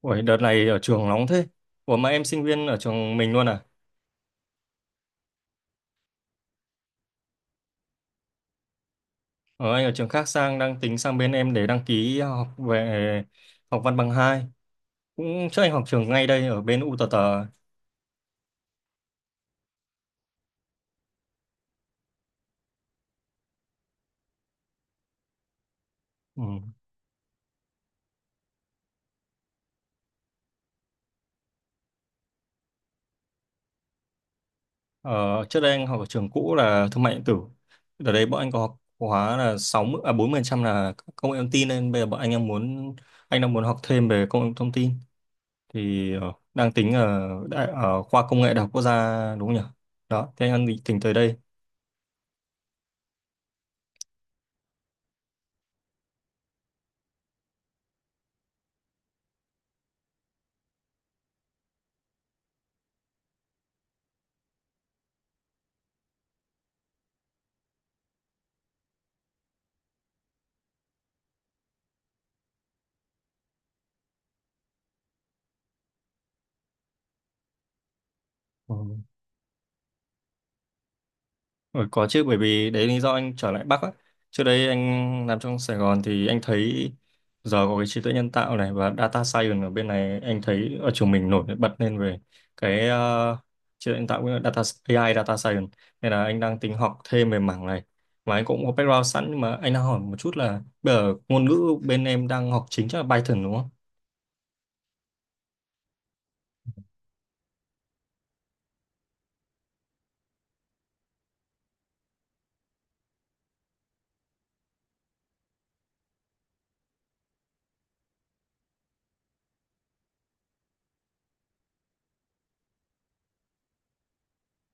Ủa, đợt này ở trường nóng thế. Ủa, mà em sinh viên ở trường mình luôn à? Anh ở trường khác sang, đang tính sang bên em để đăng ký học về, học văn bằng hai. Cũng trước anh học trường ngay đây, ở bên UTT. Ừ. Ờ, Trước đây anh học ở trường cũ là thương mại điện tử. Đợt đấy bọn anh có học khóa là 60, à, 40% là công nghệ thông tin, nên bây giờ bọn anh đang muốn học thêm về công nghệ thông tin, thì đang tính ở khoa công nghệ Đại học Quốc gia đúng không nhỉ? Đó, thế anh định tính tới đây. Ừ. Ừ, có chứ, bởi vì đấy lý do anh trở lại Bắc á. Trước đây anh làm trong Sài Gòn thì anh thấy giờ có cái trí tuệ nhân tạo này và data science ở bên này, anh thấy ở trường mình nổi bật lên về cái trí tuệ nhân tạo, với data AI, data science, nên là anh đang tính học thêm về mảng này. Và anh cũng có background sẵn, nhưng mà anh đang hỏi một chút là bây giờ ngôn ngữ bên em đang học chính chắc là Python đúng không?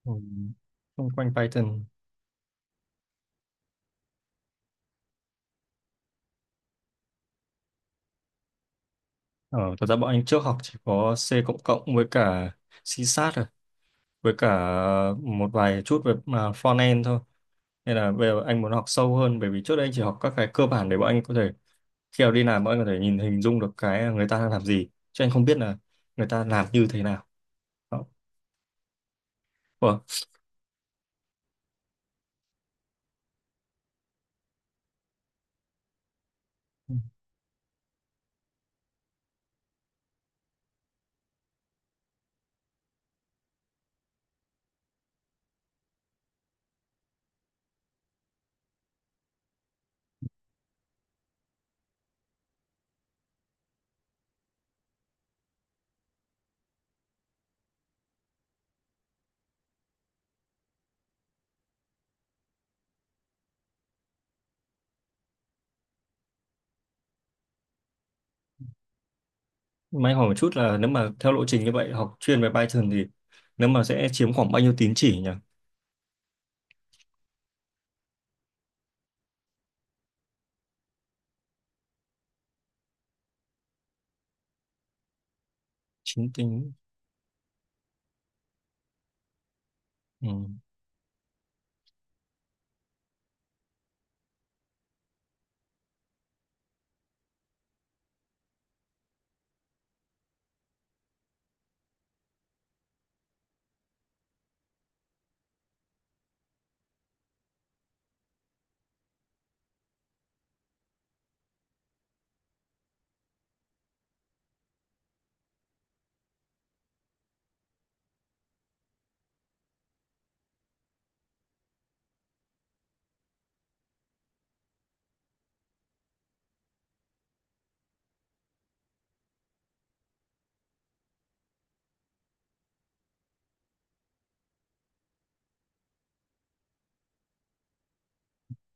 Ừ. Xung quanh Python. Ờ, Thật ra bọn anh trước học chỉ có C cộng cộng với cả C Sharp rồi. Với cả một vài chút về front-end thôi, nên là bây giờ anh muốn học sâu hơn, bởi vì trước đây anh chỉ học các cái cơ bản để bọn anh có thể khi nào đi làm bọn anh có thể nhìn hình dung được cái người ta đang làm gì, chứ anh không biết là người ta làm như thế nào. Đó. Ủa, mà anh hỏi một chút là nếu mà theo lộ trình như vậy học chuyên về Python thì nếu mà sẽ chiếm khoảng bao nhiêu tín chỉ nhỉ? 9 tính. Ừ.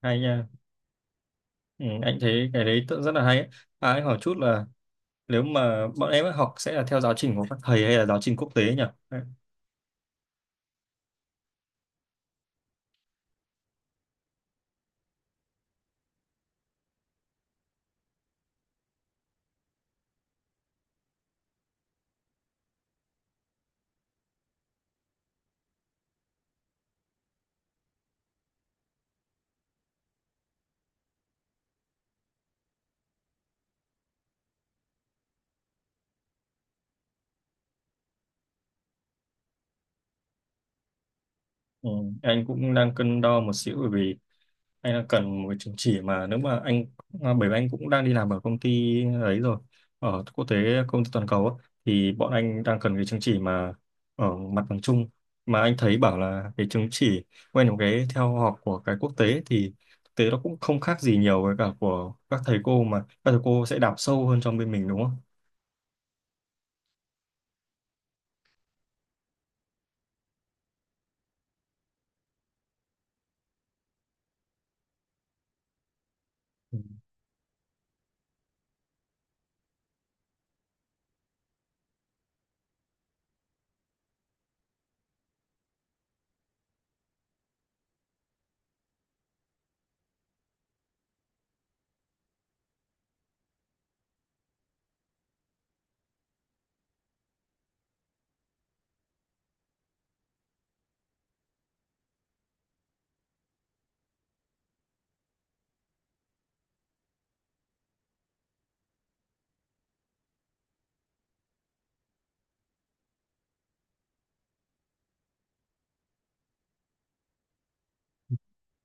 Hay nha. Ừ, anh thấy cái đấy rất là hay ấy. À, anh hỏi chút là nếu mà bọn em ấy học sẽ là theo giáo trình của các thầy hay là giáo trình quốc tế nhỉ? Ừ, anh cũng đang cân đo một xíu, bởi vì anh đang cần một cái chứng chỉ mà nếu mà anh bởi vì anh cũng đang đi làm ở công ty ấy rồi, ở quốc tế, công ty toàn cầu á, thì bọn anh đang cần cái chứng chỉ mà ở mặt bằng chung, mà anh thấy bảo là cái chứng chỉ quen một cái theo học của cái quốc tế thì thực tế nó cũng không khác gì nhiều với cả của các thầy cô, mà các thầy cô sẽ đào sâu hơn trong bên mình đúng không? Ừ.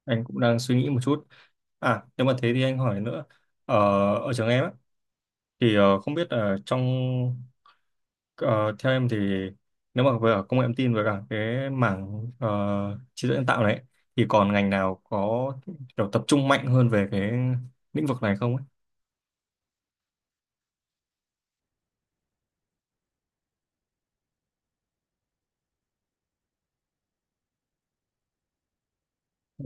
Anh cũng đang suy nghĩ một chút. À, nếu mà thế thì anh hỏi nữa. Ở, ở trường em á, thì không biết là theo em thì nếu mà về ở công nghệ thông tin với cả cái mảng trí tuệ nhân tạo này thì còn ngành nào có kiểu tập trung mạnh hơn về cái lĩnh vực này không ấy? Ừ.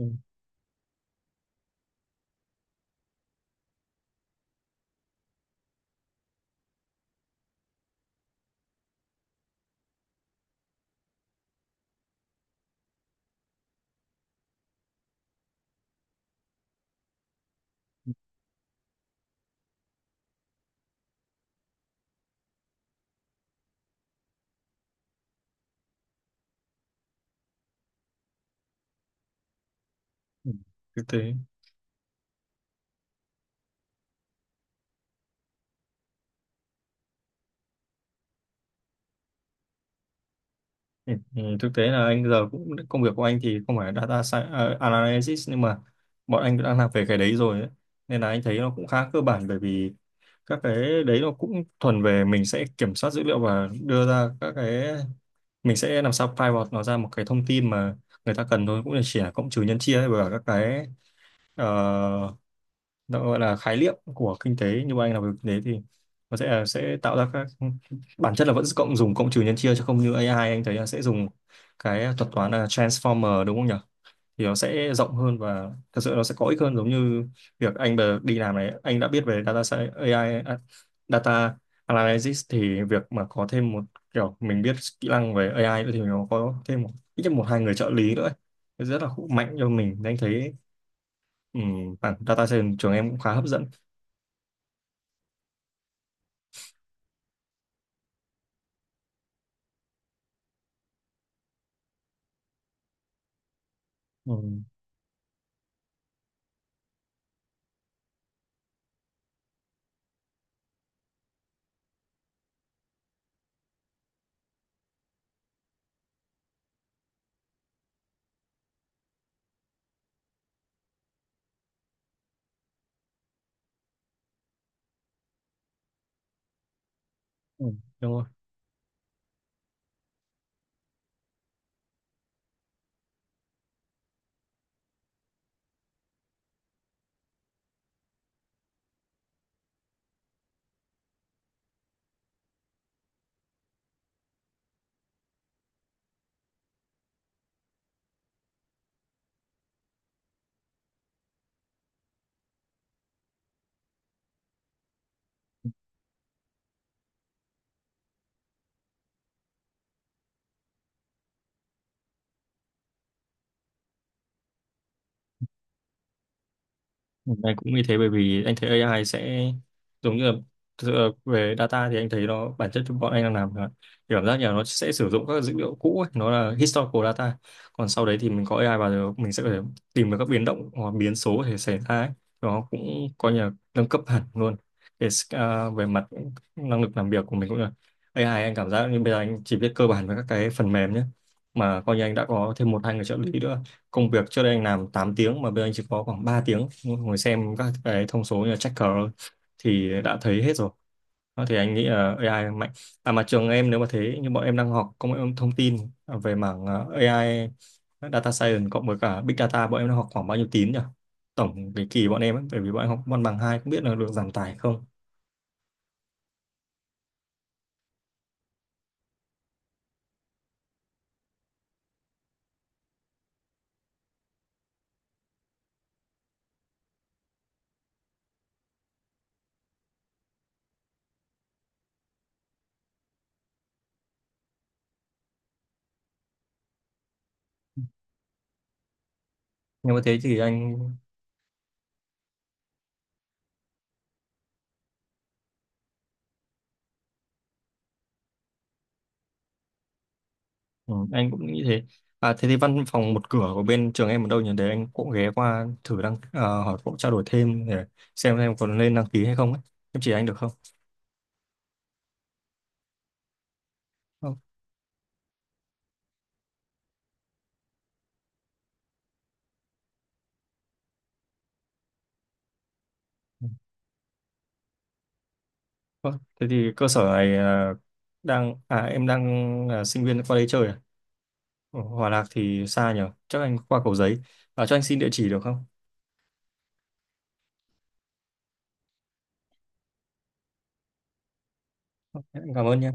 Ừ. Thực tế. Ừ. Ừ, thực tế là anh giờ cũng công việc của anh thì không phải analysis, nhưng mà bọn anh đã làm về cái đấy rồi ấy. Nên là anh thấy nó cũng khá cơ bản, bởi vì các cái đấy nó cũng thuần về mình sẽ kiểm soát dữ liệu và đưa ra các cái, mình sẽ làm sao pivot nó ra một cái thông tin mà người ta cần thôi, cũng là chỉ là cộng trừ nhân chia ấy, và các cái ờ, nó gọi là khái niệm của kinh tế, như anh làm về kinh tế thì nó sẽ tạo ra các bản chất là vẫn cộng dùng cộng trừ nhân chia, chứ không như AI anh thấy là sẽ dùng cái thuật toán là transformer đúng không nhỉ, thì nó sẽ rộng hơn và thật sự nó sẽ có ích hơn. Giống như việc anh đi làm này, anh đã biết về AI, à, data analysis, thì việc mà có thêm một kiểu mình biết kỹ năng về AI nữa thì nó có thêm một, ít nhất một hai người trợ lý nữa ấy. Nó rất là hữu mạnh cho mình. Nên anh thấy bản data science trường em cũng khá hấp dẫn. Ừ. Ừ. Đúng rồi. Anh cũng như thế, bởi vì anh thấy AI sẽ giống như là, thực sự là về data thì anh thấy nó bản chất bọn anh đang làm là, thì cảm giác như là nó sẽ sử dụng các dữ liệu cũ ấy, nó là historical data. Còn sau đấy thì mình có AI vào rồi mình sẽ có thể tìm được các biến động hoặc biến số để xảy ra ấy. Nó cũng coi như là nâng cấp hẳn luôn để, về mặt năng lực làm việc của mình cũng là, AI anh cảm giác như bây giờ anh chỉ biết cơ bản với các cái phần mềm nhé, mà coi như anh đã có thêm một hai người trợ lý nữa, công việc trước đây anh làm 8 tiếng mà bây giờ anh chỉ có khoảng 3 tiếng ngồi xem các cái thông số như là checker thôi, thì đã thấy hết rồi. Đó, thì anh nghĩ là AI mạnh. À, mà trường em nếu mà thế như bọn em đang học công nghệ thông tin về mảng AI, data science cộng với cả big data, bọn em đang học khoảng bao nhiêu tín nhỉ, tổng cái kỳ bọn em ấy, bởi vì bọn em học văn bằng hai không biết là được giảm tải không, nhưng mà thế thì anh. Ừ, anh cũng nghĩ thế. À, thế thì văn phòng một cửa của bên trường em ở đâu nhỉ? Để anh cũng ghé qua thử hỏi cũng trao đổi thêm để xem em còn nên đăng ký hay không ấy. Em chỉ anh được không? Không. Ừ. Vâng. Thế thì cơ sở này ờ, đang à em đang là sinh viên qua đây chơi à? Ở Hòa Lạc thì xa nhỉ? Chắc anh qua Cầu Giấy. À, cho anh xin địa chỉ được không? Ok, em cảm ơn nhé.